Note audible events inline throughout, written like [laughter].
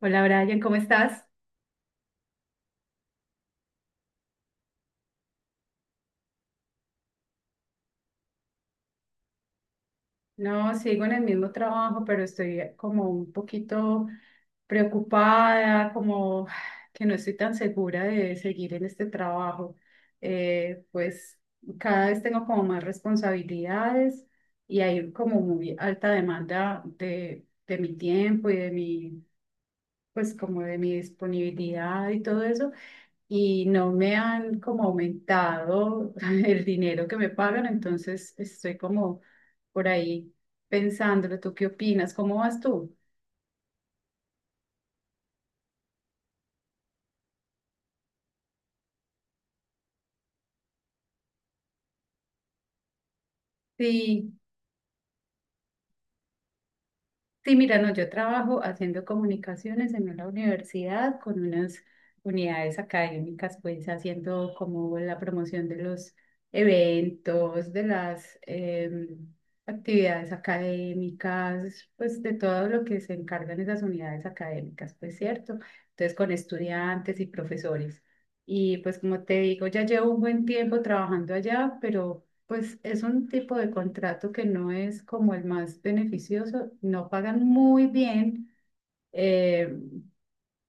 Hola Brian, ¿cómo estás? No, sigo en el mismo trabajo, pero estoy como un poquito preocupada, como que no estoy tan segura de seguir en este trabajo. Pues cada vez tengo como más responsabilidades y hay como muy alta demanda de mi tiempo y de mi, pues como de mi disponibilidad y todo eso. Y no me han como aumentado [laughs] el dinero que me pagan, entonces estoy como por ahí pensándolo. ¿Tú qué opinas? ¿Cómo vas tú? Sí. Sí, mira, no, yo trabajo haciendo comunicaciones en una universidad con unas unidades académicas, pues haciendo como la promoción de los eventos, de las actividades académicas, pues de todo lo que se encargan esas unidades académicas, pues cierto. Entonces con estudiantes y profesores. Y pues como te digo, ya llevo un buen tiempo trabajando allá, pero pues es un tipo de contrato que no es como el más beneficioso, no pagan muy bien, eh,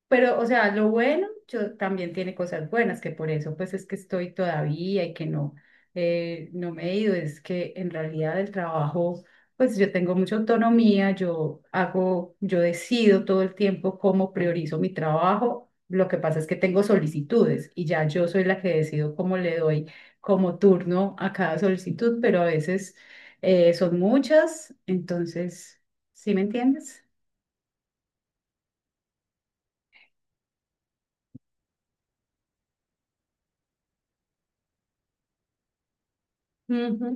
pero, o sea, lo bueno, yo también tiene cosas buenas, que por eso pues es que estoy todavía y que no, no me he ido, es que en realidad el trabajo, pues yo tengo mucha autonomía, yo hago, yo decido todo el tiempo cómo priorizo mi trabajo, lo que pasa es que tengo solicitudes y ya yo soy la que decido cómo le doy como turno a cada solicitud, pero a veces son muchas, entonces, ¿sí me entiendes? Ujú.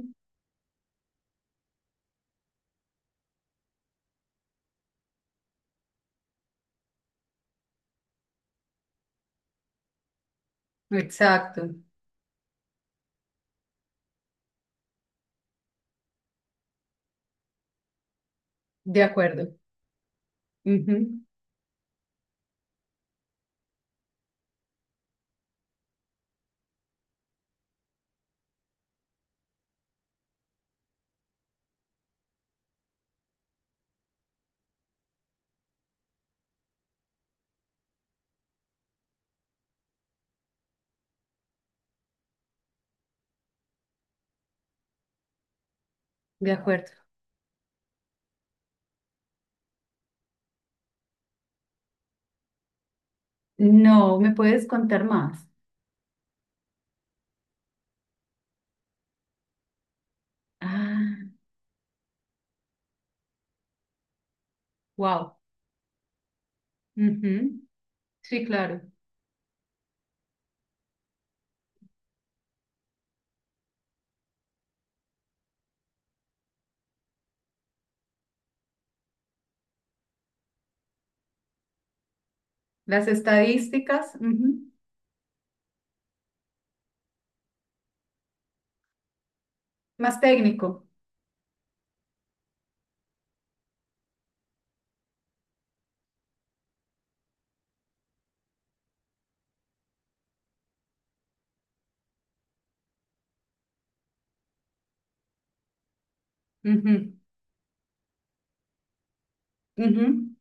Exacto, de acuerdo. Ujú, de acuerdo. No, ¿me puedes contar más? Ah, wow. Ujú, sí, claro. Las estadísticas, ujú. Más técnico. Ujú, ujú,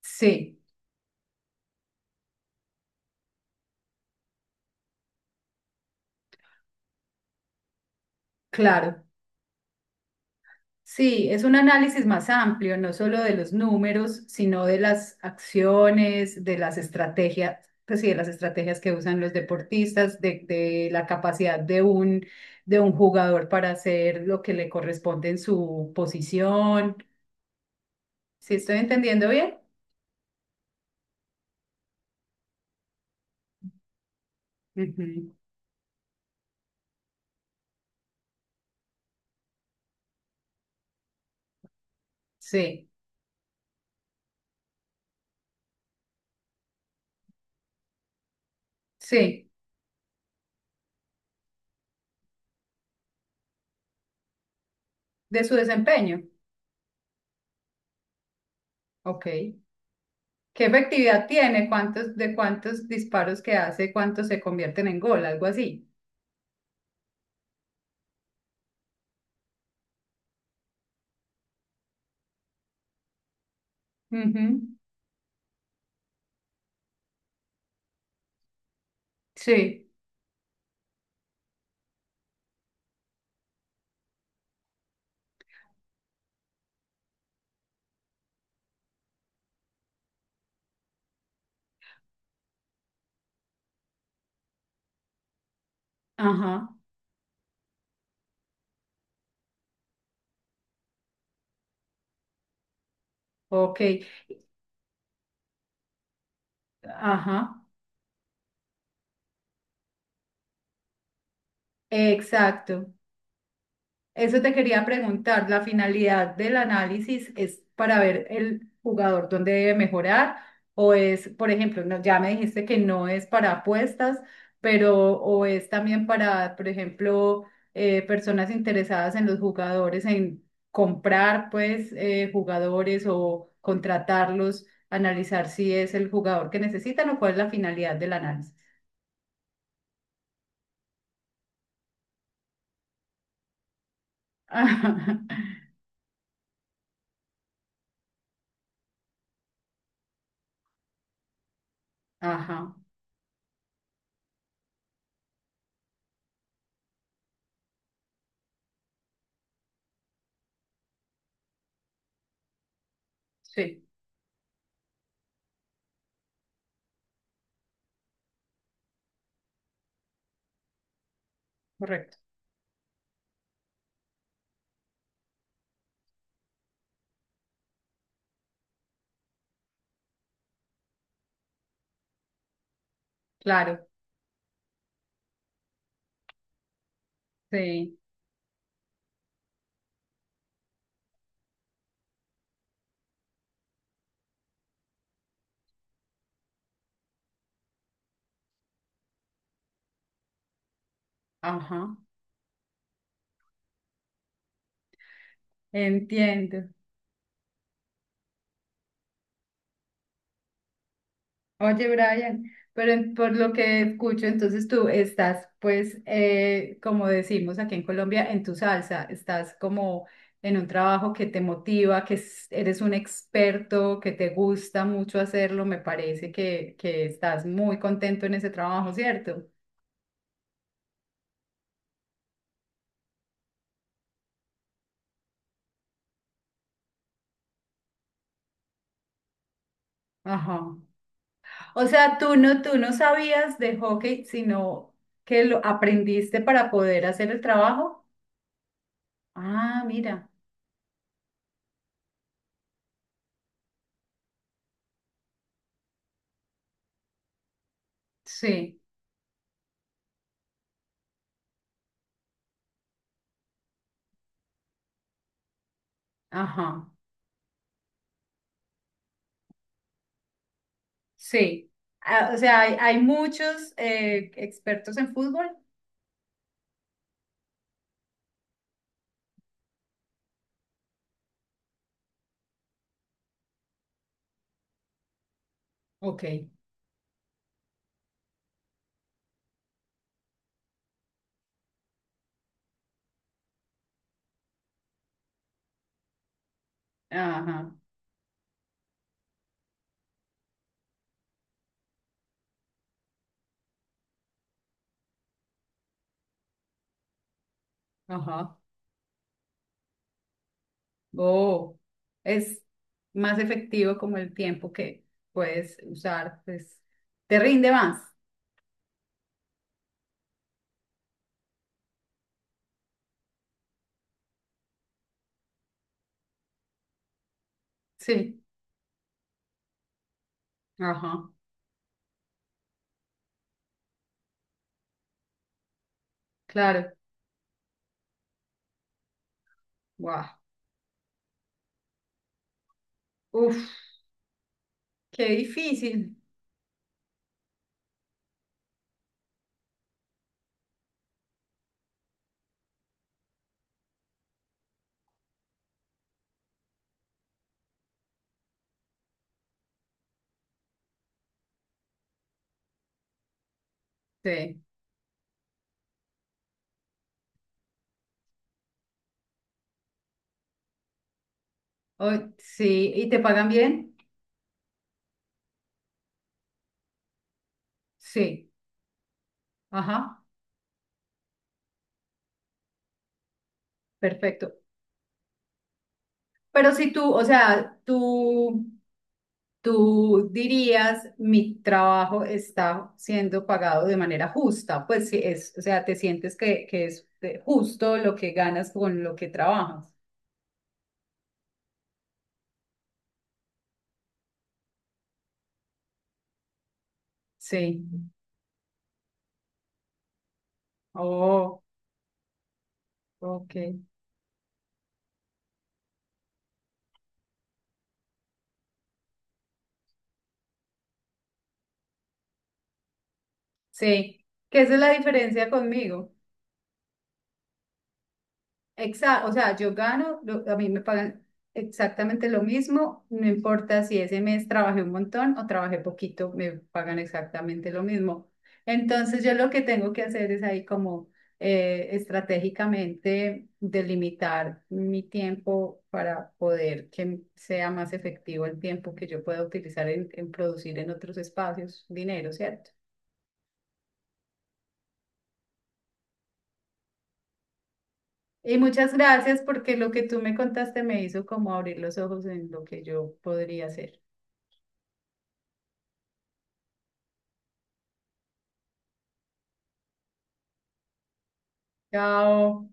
sí, claro. Sí, es un análisis más amplio, no solo de los números, sino de las acciones, de las estrategias, pues sí, de las estrategias que usan los deportistas, de la capacidad de un jugador para hacer lo que le corresponde en su posición. ¿Sí estoy entendiendo bien? Ujú. Sí, sí, de su desempeño. Ok. ¿Qué efectividad tiene? ¿Cuántos de cuántos disparos que hace? ¿Cuántos se convierten en gol? Algo así. Ujú, sí, ajá, ok, ajá, exacto. Eso te quería preguntar, la finalidad del análisis es para ver el jugador dónde debe mejorar o es, por ejemplo, ya me dijiste que no es para apuestas, pero o es también para, por ejemplo, personas interesadas en los jugadores, en comprar pues jugadores o contratarlos, analizar si es el jugador que necesitan o cuál es la finalidad del análisis. [laughs] Ajá, sí, correcto. Claro, sí, ajá. Entiendo. Oye, Brian, pero por lo que escucho, entonces tú estás, pues, como decimos aquí en Colombia, en tu salsa, estás como en un trabajo que te motiva, eres un experto, que te gusta mucho hacerlo, me parece que estás muy contento en ese trabajo, ¿cierto? Ajá. O sea, tú no sabías de hockey, sino que lo aprendiste para poder hacer el trabajo. Ah, mira, sí, ajá. Sí, ah, o sea, hay muchos expertos en fútbol. Ok, ajá, ajá. Oh, es más efectivo como el tiempo que puedes usar, pues te rinde más. Sí, ajá, claro. Wow. Uf, qué difícil. Sí. Oh, sí, ¿y te pagan bien? Sí, ajá, perfecto. Pero si tú, o sea, tú dirías, mi trabajo está siendo pagado de manera justa, pues si es, o sea, te sientes que es justo lo que ganas con lo que trabajas. Sí. Oh, ok. Sí, que esa es la diferencia conmigo. Exacto, o sea, yo gano, a mí me pagan exactamente lo mismo, no importa si ese mes trabajé un montón o trabajé poquito, me pagan exactamente lo mismo. Entonces yo lo que tengo que hacer es ahí como estratégicamente delimitar mi tiempo para poder que sea más efectivo el tiempo que yo pueda utilizar en producir en otros espacios dinero, ¿cierto? Y muchas gracias porque lo que tú me contaste me hizo como abrir los ojos en lo que yo podría hacer. Chao.